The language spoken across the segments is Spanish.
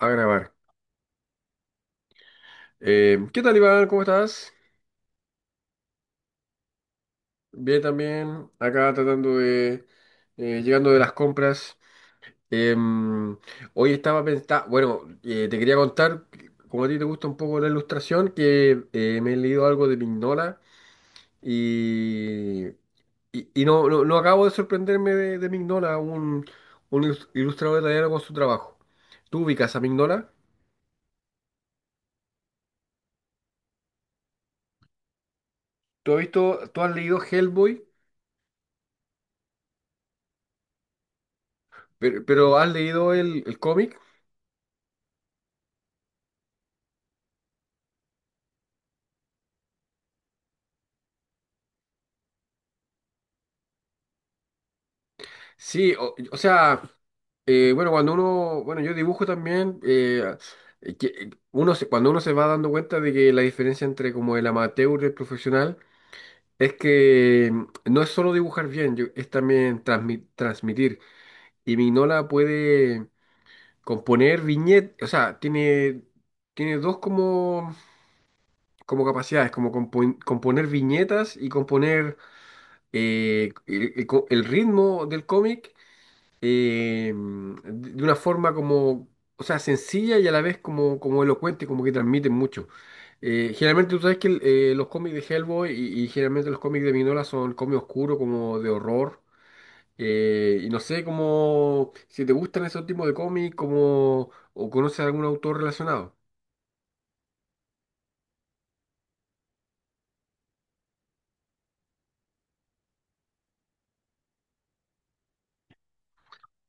A grabar. ¿Qué tal, Iván? ¿Cómo estás? Bien también, acá tratando de... llegando de las compras. Em, hoy estaba pensando... Bueno, te quería contar, como a ti te gusta un poco la ilustración, que me he leído algo de Mignola y... Y no, no acabo de sorprenderme de Mignola, un, ilustrador italiano con su trabajo. ¿Tú ubicas a Mignola? ¿Tú has visto, tú has leído Hellboy? Pero ¿has leído el cómic? Sí, o sea, bueno, cuando uno, bueno, yo dibujo también, que cuando uno se va dando cuenta de que la diferencia entre como el amateur y el profesional es que no es solo dibujar bien, es también transmitir. Y Mignola puede componer viñetas, o sea, tiene, tiene dos como, como capacidades, como componer viñetas y componer el ritmo del cómic, de una forma como, o sea, sencilla y a la vez como, como elocuente, como que transmiten mucho. Generalmente tú sabes que los cómics de Hellboy y generalmente los cómics de Minola son cómics oscuros, como de horror, y no sé cómo, si te gustan esos tipos de cómics, como, o conoces algún autor relacionado.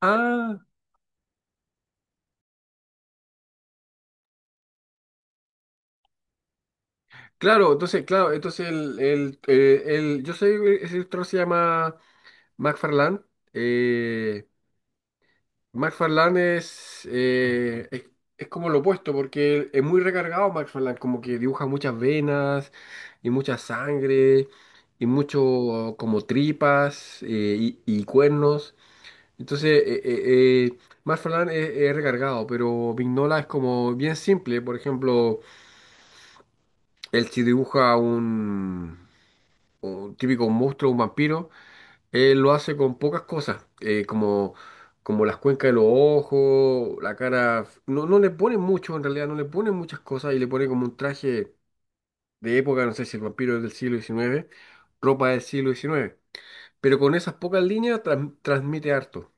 Ah, claro, entonces yo sé que ese autor se llama McFarlane. eh, McFarlane es como lo opuesto, porque es muy recargado McFarlane, como que dibuja muchas venas y mucha sangre y mucho como tripas, y cuernos. Entonces, eh, McFarlane es recargado, pero Vignola es como bien simple. Por ejemplo, él sí dibuja un típico monstruo, un vampiro, él lo hace con pocas cosas, como, como las cuencas de los ojos, la cara. No, no le pone mucho, en realidad, no le pone muchas cosas y le pone como un traje de época, no sé si el vampiro es del siglo XIX, ropa del siglo XIX. Pero con esas pocas líneas transmite harto.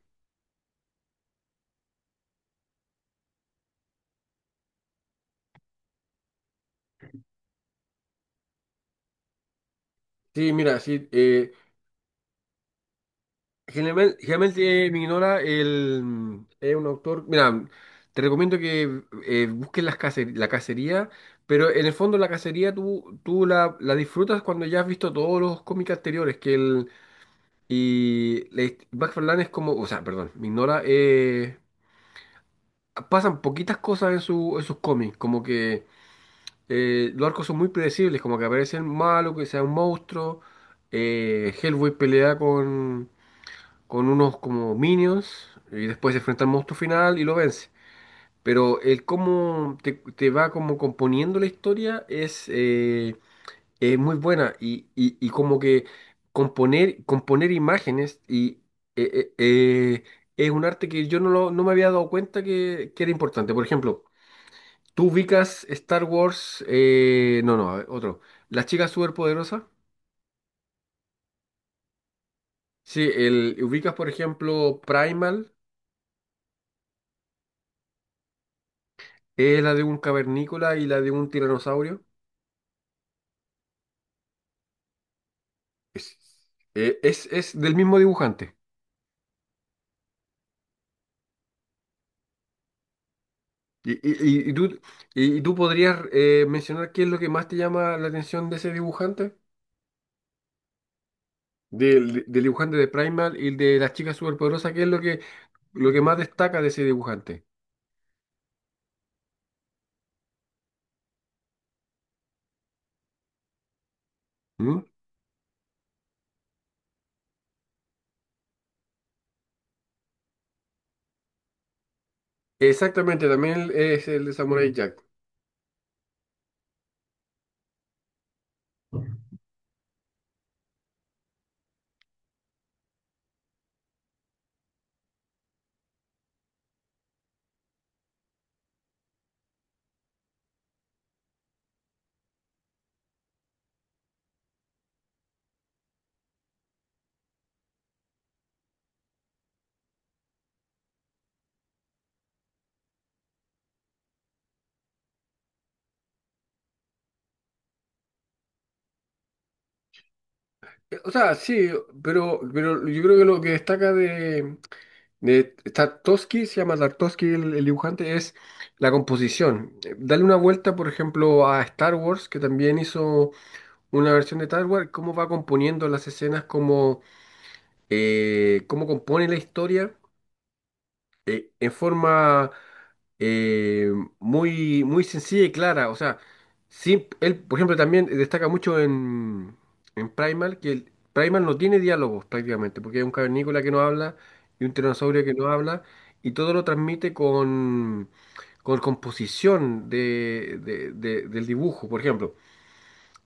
Sí, mira, sí, generalmente, generalmente, me ignora el, es un autor. Mira, te recomiendo que busques la cacería, pero en el fondo la cacería tú, tú la, la disfrutas cuando ya has visto todos los cómics anteriores. Que el, y le- Max Verlaine es como, o sea, perdón, me ignora, pasan poquitas cosas en, su, en sus cómics, como que los arcos son muy predecibles, como que aparece el malo, que sea un monstruo. Hellboy pelea con unos como minions y después se enfrenta al monstruo final y lo vence. Pero el cómo te, te va como componiendo la historia es muy buena y, y como que componer, componer imágenes y eh, eh, eh, es un arte que yo no, no me había dado cuenta que era importante. Por ejemplo, tú ubicas Star Wars, no, no, a ver, otro. Las chicas superpoderosas. Sí, el, ubicas por ejemplo Primal. La de un cavernícola y la de un tiranosaurio. Es, es del mismo dibujante. Y, y- y- y tú, y tú podrías mencionar qué es lo que más te llama la atención de ese dibujante, del, del dibujante de Primal y de las chicas superpoderosas, qué es lo que más destaca de ese dibujante. ¿Mm? Exactamente, también es el de Samurai Jack. O sea, sí, pero yo creo que lo que destaca de, Tarkovsky, se llama Tarkovsky el dibujante, es la composición. Dale una vuelta, por ejemplo, a Star Wars, que también hizo una versión de Star Wars, cómo va componiendo las escenas, cómo, cómo compone la historia en forma eh, muy, muy sencilla y clara. O sea, él, por ejemplo, también destaca mucho en Primal, que el, Primal no tiene diálogos prácticamente, porque hay un cavernícola que no habla y un tiranosaurio que no habla, y todo lo transmite con composición de, del dibujo. Por ejemplo,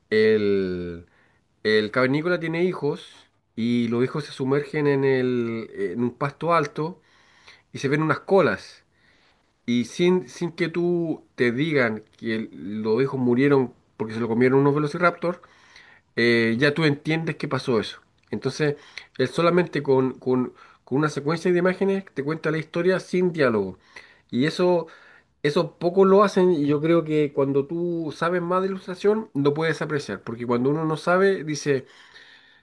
el, el cavernícola tiene hijos y los hijos se sumergen en, el, en un pasto alto y se ven unas colas. Y sin, sin que tú te digan que los ovejos murieron porque se lo comieron unos velociraptor, ya tú entiendes que pasó eso. Entonces, él solamente con, con una secuencia de imágenes te cuenta la historia sin diálogo. Y eso poco lo hacen y yo creo que cuando tú sabes más de ilustración lo puedes apreciar, porque cuando uno no sabe, dice...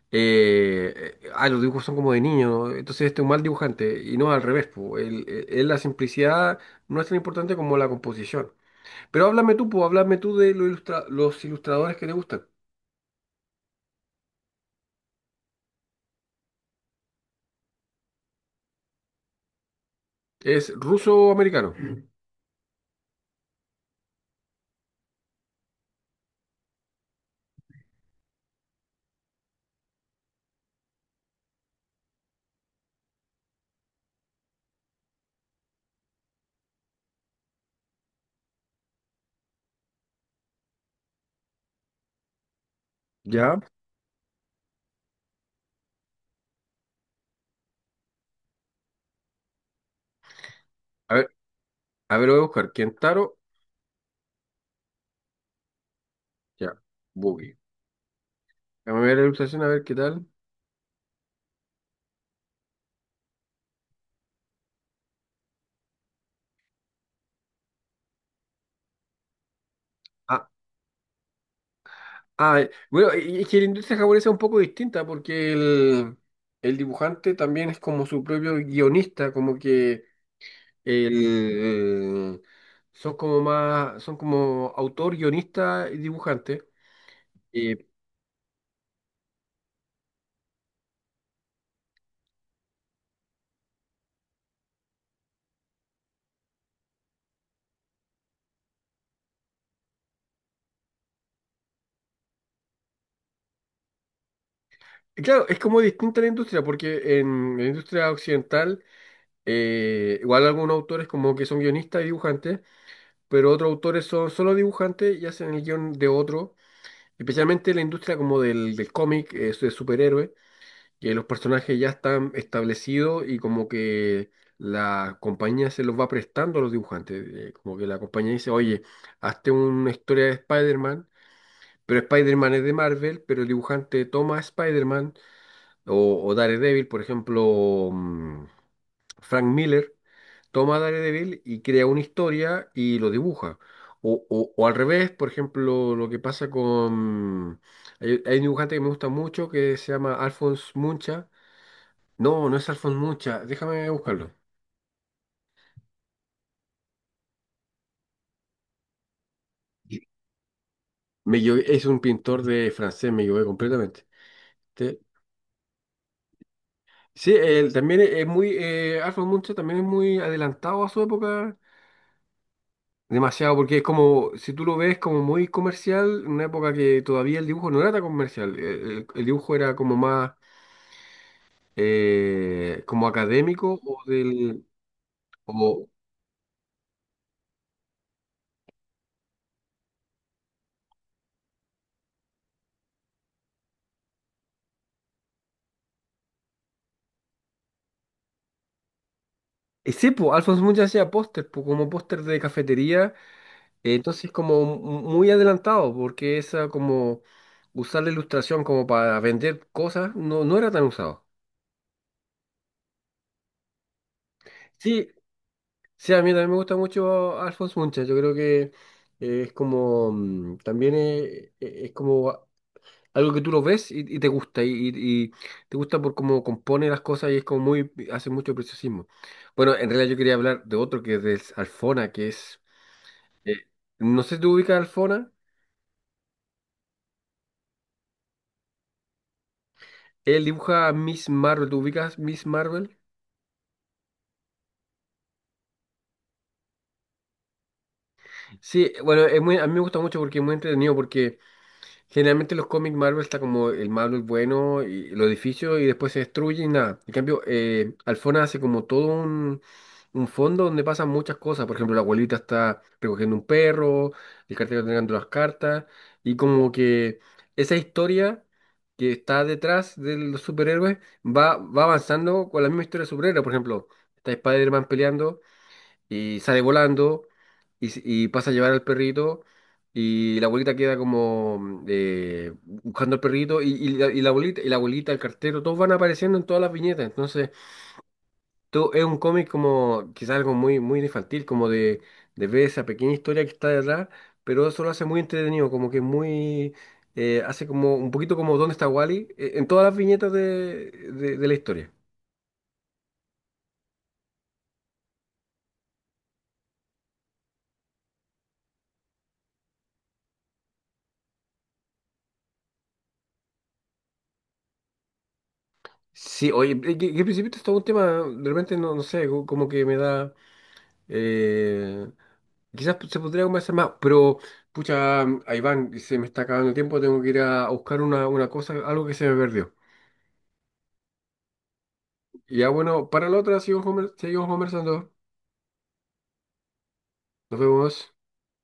Ah, los dibujos son como de niño, entonces este es un mal dibujante, y no al revés, po. La simplicidad no es tan importante como la composición. Pero háblame tú, po, háblame tú de los, los ilustradores que te gustan. ¿Es ruso o americano? ¿Ya? A ver, a ver, lo voy a buscar. Kentaro, ya, Boogie. Déjame ver la ilustración, a ver qué tal. Ah, ah, bueno, y es que la industria japonesa es un poco distinta porque el dibujante también es como su propio guionista, como que El- son como más, son como autor, guionista y dibujante. Eh, y claro, es como distinta la industria, porque en la industria occidental, igual algunos autores como que son guionistas y dibujantes, pero otros autores son solo dibujantes y hacen el guión de otro, especialmente en la industria como del, del cómic, de superhéroes, que los personajes ya están establecidos y como que la compañía se los va prestando a los dibujantes, como que la compañía dice, oye, hazte una historia de Spider-Man, pero Spider-Man es de Marvel, pero el dibujante toma a Spider-Man o Daredevil, por ejemplo, Frank Miller toma a Daredevil y crea una historia y lo dibuja. O, o al revés, por ejemplo, lo que pasa con... Hay un dibujante que me gusta mucho que se llama Alphonse Muncha, no, no es Alphonse Mucha. Déjame buscarlo. Me equivoqué, es un pintor de francés, me equivoqué completamente. Te- Sí, él también es muy. Alphonse Mucha también es muy adelantado a su época. Demasiado, porque es como, si tú lo ves como muy comercial, una época que todavía el dibujo no era tan comercial. El dibujo era como más como académico o del. Como, ese, po, Alphonse Mucha hacía póster, po, como póster de cafetería. Entonces, como muy adelantado, porque esa como usar la ilustración como para vender cosas no, no era tan usado. Sí, sí, a mí también me gusta mucho Alphonse Mucha. Yo creo que es como, también es, como algo que tú lo ves y te gusta, y, y te gusta por cómo compone las cosas y es como muy, hace mucho preciosismo. Bueno, en realidad yo quería hablar de otro que es de Alfona, que es, eh, no sé si tú ubicas a Alfona, él dibuja a Miss Marvel, ¿tú ubicas Miss Marvel? Sí, bueno, es muy, a mí me gusta mucho porque es muy entretenido, porque generalmente los cómics Marvel está como el malo es bueno y los edificios y después se destruye y nada. En cambio, Alfona hace como todo un fondo donde pasan muchas cosas. Por ejemplo, la abuelita está recogiendo un perro, el cartero está entregando las cartas y como que esa historia que está detrás de los superhéroes va, va avanzando con la misma historia de superhéroes. Por ejemplo, está Spider-Man peleando y sale volando y, y pasa a llevar al perrito y la abuelita queda como buscando al perrito y la abuelita, el cartero, todos van apareciendo en todas las viñetas. Entonces, todo es un cómic como quizás algo muy, muy infantil, como de ver esa pequeña historia que está detrás, pero eso lo hace muy entretenido, como que muy... hace como un poquito como ¿Dónde está Wally? En todas las viñetas de la historia. Sí, oye, que al principio esto es todo un tema, de repente no, no sé, como que me da... Eh, quizás se podría conversar más, pero pucha, ahí van se me está acabando el tiempo, tengo que ir a buscar una cosa, algo que se me perdió. Ya bueno, para la otra seguimos, seguimos conversando. Nos vemos.